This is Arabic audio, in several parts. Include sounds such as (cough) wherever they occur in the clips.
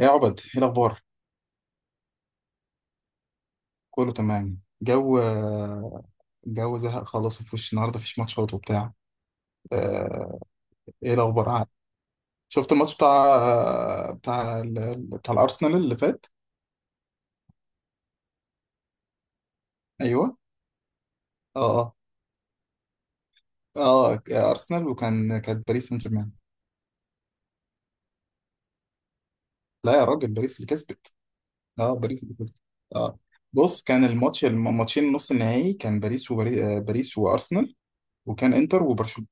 ايه يا عبد؟ ايه الاخبار؟ كله تمام جو. جو زهق خلاص، وفي وش النهارده مفيش ماتشات وبتاع. آه، ايه الاخبار عاد؟ شفت الماتش بتاع الارسنال اللي فات؟ ايوه. اه، اه، اه، ارسنال، وكان كانت باريس سان جيرمان. لا يا راجل، باريس اللي كسبت. اه، باريس اللي كسبت. اه، بص، كان الماتش، الماتشين نص النهائي، كان باريس وباريس باريس وارسنال، وكان انتر وبرشلونه.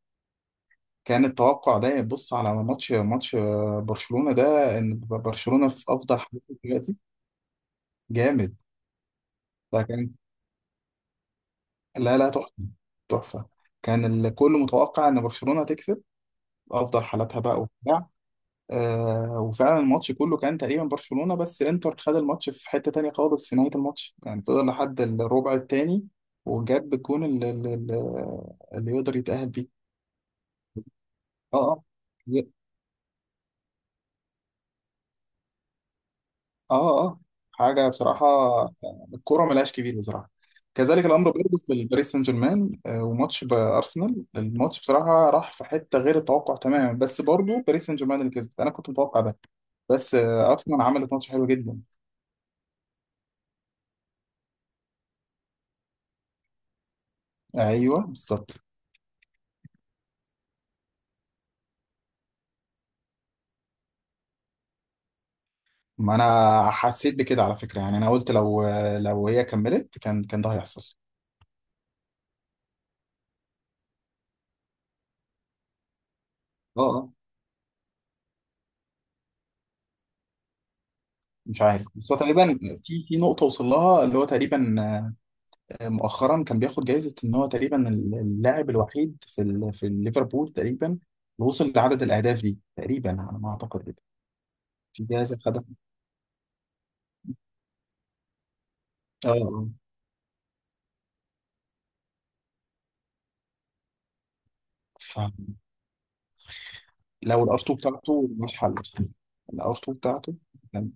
كان التوقع ده، بص على ماتش برشلونة ده، ان برشلونة في افضل حالته دلوقتي. جامد. فكان. لا لا، تحفة. تحفة. كان الكل متوقع ان برشلونة تكسب، افضل حالاتها بقى وبتاع. آه، وفعلا الماتش كله كان تقريبا برشلونة، بس انتر خد الماتش في حتة تانية خالص في نهاية الماتش، يعني فضل لحد الربع التاني وجاب الجون اللي, اللي يقدر يتأهل بيه. اه، اه، اه، اه، حاجه بصراحه. الكوره ملهاش كبير بصراحه. كذلك الامر برضه في الباريس سان جيرمان، وماتش بارسنال، الماتش بصراحه راح في حته غير التوقع تماما، بس برضه باريس سان جيرمان اللي كسبت، انا كنت متوقع ده. بس ارسنال عملت ماتش حلو جدا. ايوه بالظبط. ما انا حسيت بكده على فكره، يعني انا قلت لو لو هي كملت كان كان ده هيحصل. اه، اه. مش عارف، بس هو تقريبا في نقطه وصل لها، اللي هو تقريبا مؤخرا كان بياخد جايزة ان هو تقريبا اللاعب الوحيد في ال... في ليفربول تقريبا اللي وصل لعدد الاهداف دي، تقريبا على ما اعتقد كده. في جائزة خدها. اه، آه. فلو الار 2 بتاعته مش حل بصراحة. الار 2 بتاعته كان-.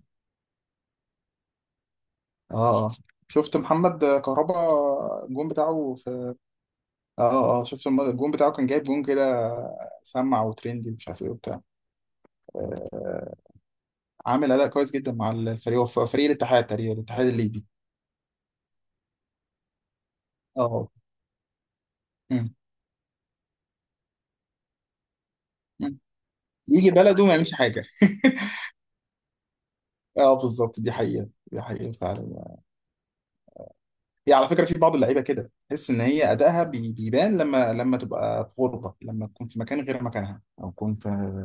اه، اه. شفت محمد كهربا؟ الجون بتاعه في. اه، اه، آه. شفت الجون بتاعه كان جايب جون كده، سمع وترندي مش عارف ايه وبتاع. آه، عامل اداء كويس جدا مع الفريق، هو فريق الاتحاد تقريبا، الاتحاد الليبي. اه. مم. يجي بلده وما يعملش حاجه. (laughs) اه بالظبط، دي حقيقه، دي حقيقه فعلا. هي على فكره في بعض اللعيبه كده تحس ان هي ادائها بيبان لما تبقى في غربه، لما تكون في مكان غير مكانها، او تكون في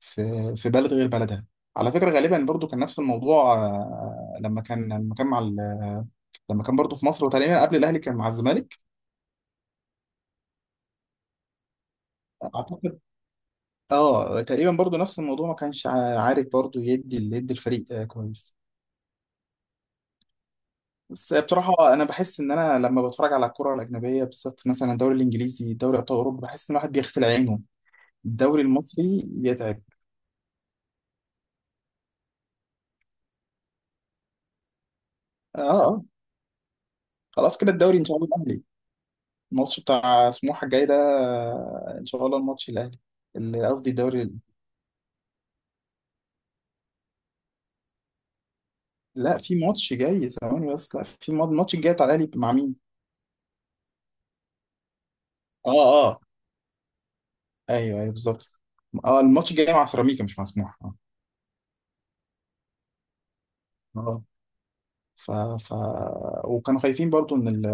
في في بلد غير بلدها. على فكره غالبا برضو كان نفس الموضوع، لما كان لما كان مع لما كان برضو في مصر وتقريبا قبل الاهلي كان مع الزمالك. اعتقد اه تقريبا برضو نفس الموضوع، ما كانش عارف برضو يدي الفريق كويس. بس بصراحة أنا بحس إن أنا لما بتفرج على الكرة الأجنبية بالذات، مثلا الدوري الإنجليزي، دوري أبطال أوروبا، بحس إن الواحد بيغسل عينه، الدوري المصري يتعب. آه، آه. خلاص كده الدوري إن شاء الله الأهلي. الماتش بتاع سموحة الجاي ده، إن شاء الله الماتش الأهلي، اللي قصدي الدوري. لا في ماتش جاي ثواني، بس لا في ماتش، الماتش الجاي بتاع الأهلي مع مين؟ آه، آه، أيوه، أيوه بالظبط. آه الماتش الجاي مع سيراميكا، مش مع سموحة. آه. آه. ف... ف... وكانوا خايفين برضو ان ال...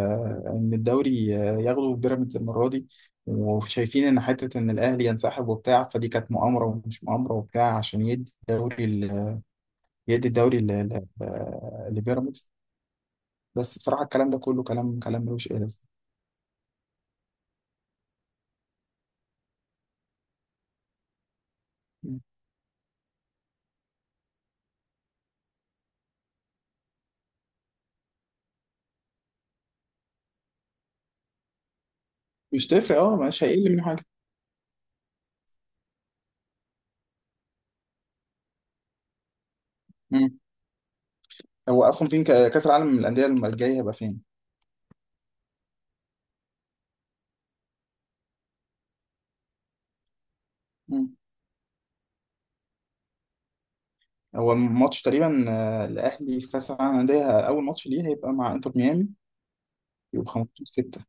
ان الدوري ياخدوا بيراميدز المره دي، وشايفين ان حته ان الاهلي ينسحب وبتاع، فدي كانت مؤامره ومش مؤامره وبتاع عشان يدي الدوري ال... يدي الدوري ل... ل... لبيراميدز. بس بصراحه الكلام ده كله كلام ملوش اي لازمه. مش تفرق، اه مش هيقل من حاجه. مم. هو اصلا فين كاس العالم للانديه الجاي هيبقى فين؟ مم. هو الماتش تقريبا الاهلي في كاس العالم للانديه، اول ماتش ليه هيبقى مع انتر ميامي. يبقى 15 6،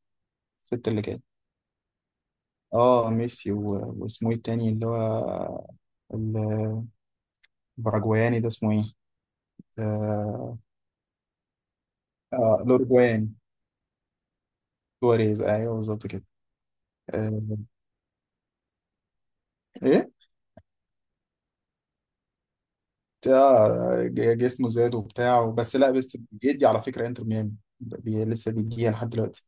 6 اللي جاي. اه ميسي و... واسمه ايه التاني اللي هو الباراجواياني ده اسمه ايه؟ اه. آه، الاوروجواياني، سواريز ايوه بالظبط كده. آه. ايه؟ آه جسمه زاد وبتاع، بس لا بس بيدي على فكره انتر ميامي لسه بيديها لحد دلوقتي.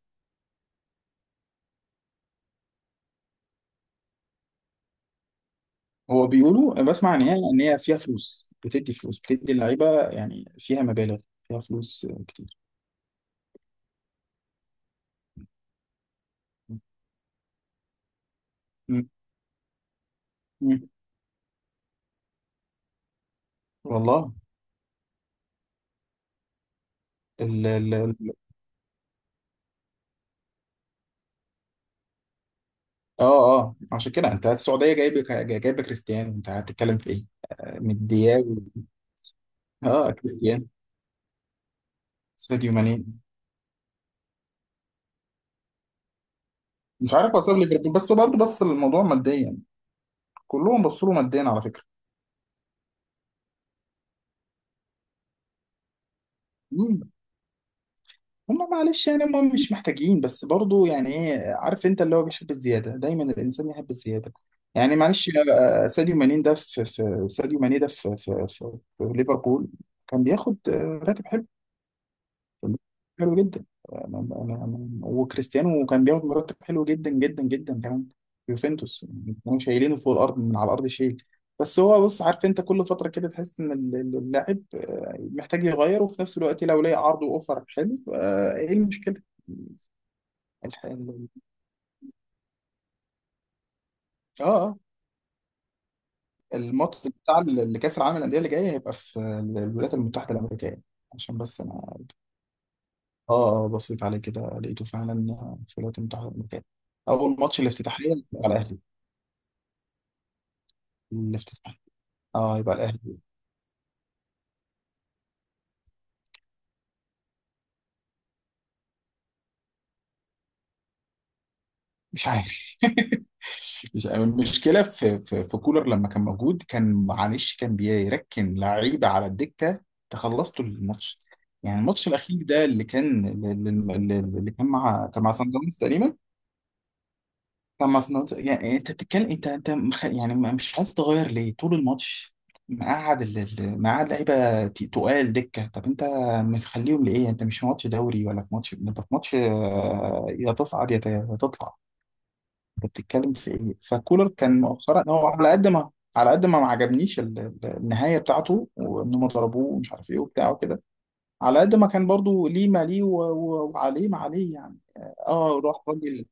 هو بيقولوا، أنا بسمع ان هي ان هي فيها فلوس، بتدي فلوس، بتدي اللعيبه يعني فيها مبالغ، فيها فلوس كتير. م- م- والله. اه، اه. عشان كده انت السعوديه جايبه كريستيانو، انت هتتكلم في ايه؟ من دياو. اه كريستيانو، ساديو ماني. مش عارف اسباب ليفربول، بس هو برضه بص للموضوع ماديا، كلهم بصوا له ماديا على فكره. مم. هم معلش يعني هم مش محتاجين، بس برضه يعني ايه، عارف انت اللي هو بيحب الزياده، دايما الانسان يحب الزياده. يعني معلش، ساديو ماني ده في ساديو ماني ده في في في ليفربول كان بياخد راتب حلو، حلو جدا. أنا وكريستيانو كان بياخد مرتب حلو جدا جدا جدا كمان في يوفنتوس، يعني كانوا شايلينه فوق الارض من على الارض شيل. بس هو بص، عارف انت كل فتره كده تحس ان اللاعب محتاج يغير، وفي نفس الوقت لو لقى عرض واوفر حلو، ايه المشكله؟ الح- ال- اه، اه. الماتش بتاع اللي كاس العالم للانديه اللي جاي هيبقى في الولايات المتحده الامريكيه، عشان بس انا. اه، اه، بصيت عليه كده لقيته فعلا في الولايات المتحده الامريكيه. اول ماتش الافتتاحيه على الاهلي. الافتتاح. اه يبقى الاهلي. مش عارف. (laughs) مش عارف. المشكله في كولر لما كان موجود، كان معلش كان بيركن لعيبه على الدكه. تخلصته الماتش، يعني الماتش الاخير ده اللي كان اللي اللي كان مع كان مع سان داونز تقريبا، كان مصنوع. يعني انت بتتكلم، انت انت يعني مش عايز تغير ليه طول الماتش؟ مقعد ال... مقعد لعيبه تقال دكه، طب انت مخليهم لايه؟ انت مش في ماتش دوري، ولا في ماتش، انت في ماتش يا تصعد، يا يا تطلع. انت بتتكلم في ايه؟ فكولر كان مؤخرا هو على قد ما، على قد ما ما عجبنيش النهايه بتاعته وانهم ضربوه ومش عارف ايه وبتاع وكده، على قد ما كان برضو ليه ما ليه وعليه ما عليه يعني. اه روح راجل.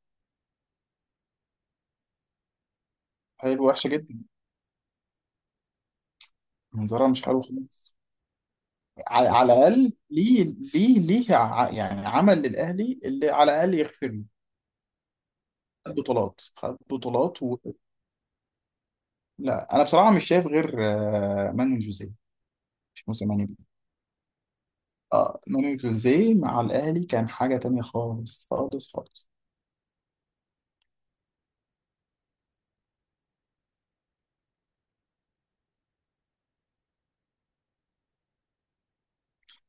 حلو، وحشه جدا، منظرها مش حلو خالص. على الاقل ليه، ليه ليه يعني عمل للاهلي اللي على الاقل يغفر له، خد بطولات، خد بطولات و... لا انا بصراحه مش شايف غير مانويل جوزيه. مش موسى مانويل. اه مانويل جوزيه مع الاهلي كان حاجه تانية خالص خالص خالص.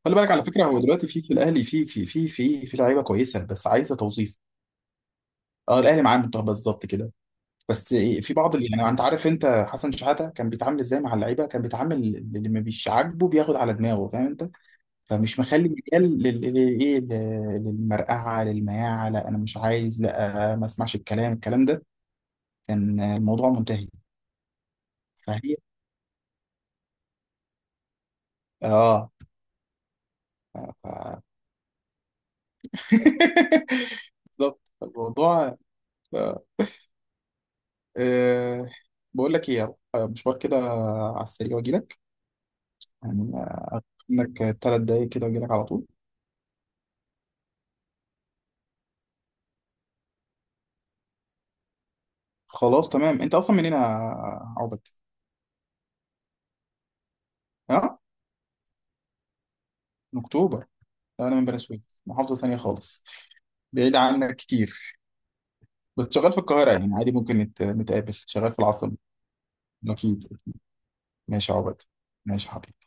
خلي بالك على فكره، هو دلوقتي في في الاهلي في لعيبه كويسه بس عايزه توظيف. اه الاهلي معاه منتخب بالظبط كده. بس في بعض اللي يعني انت عارف، انت حسن شحاته كان بيتعامل ازاي مع اللعيبه؟ كان بيتعامل اللي ما بيش عاجبه بياخد على دماغه، فاهم انت؟ فمش مخلي مجال للايه، للمرقعه، للمياعه، لا انا مش عايز، لا ما اسمعش الكلام، الكلام ده كان الموضوع منتهي. فهي اه ف- ف- (laughs) بالظبط الموضوع. آه. بقول لك ايه، يلا، مشوار كده على السريع واجي لك، يعني انك 3 دقايق كده واجي لك على طول. خلاص تمام. انت اصلا منين يا عبد؟ اه من اكتوبر. لا انا من بني سويف، محافظه ثانيه خالص، بعيد عنك كتير. كنت شغال في القاهرة، يعني عادي ممكن نتقابل، شغال في العاصمة. أكيد. ماشي يا عبد، ماشي يا حبيبي.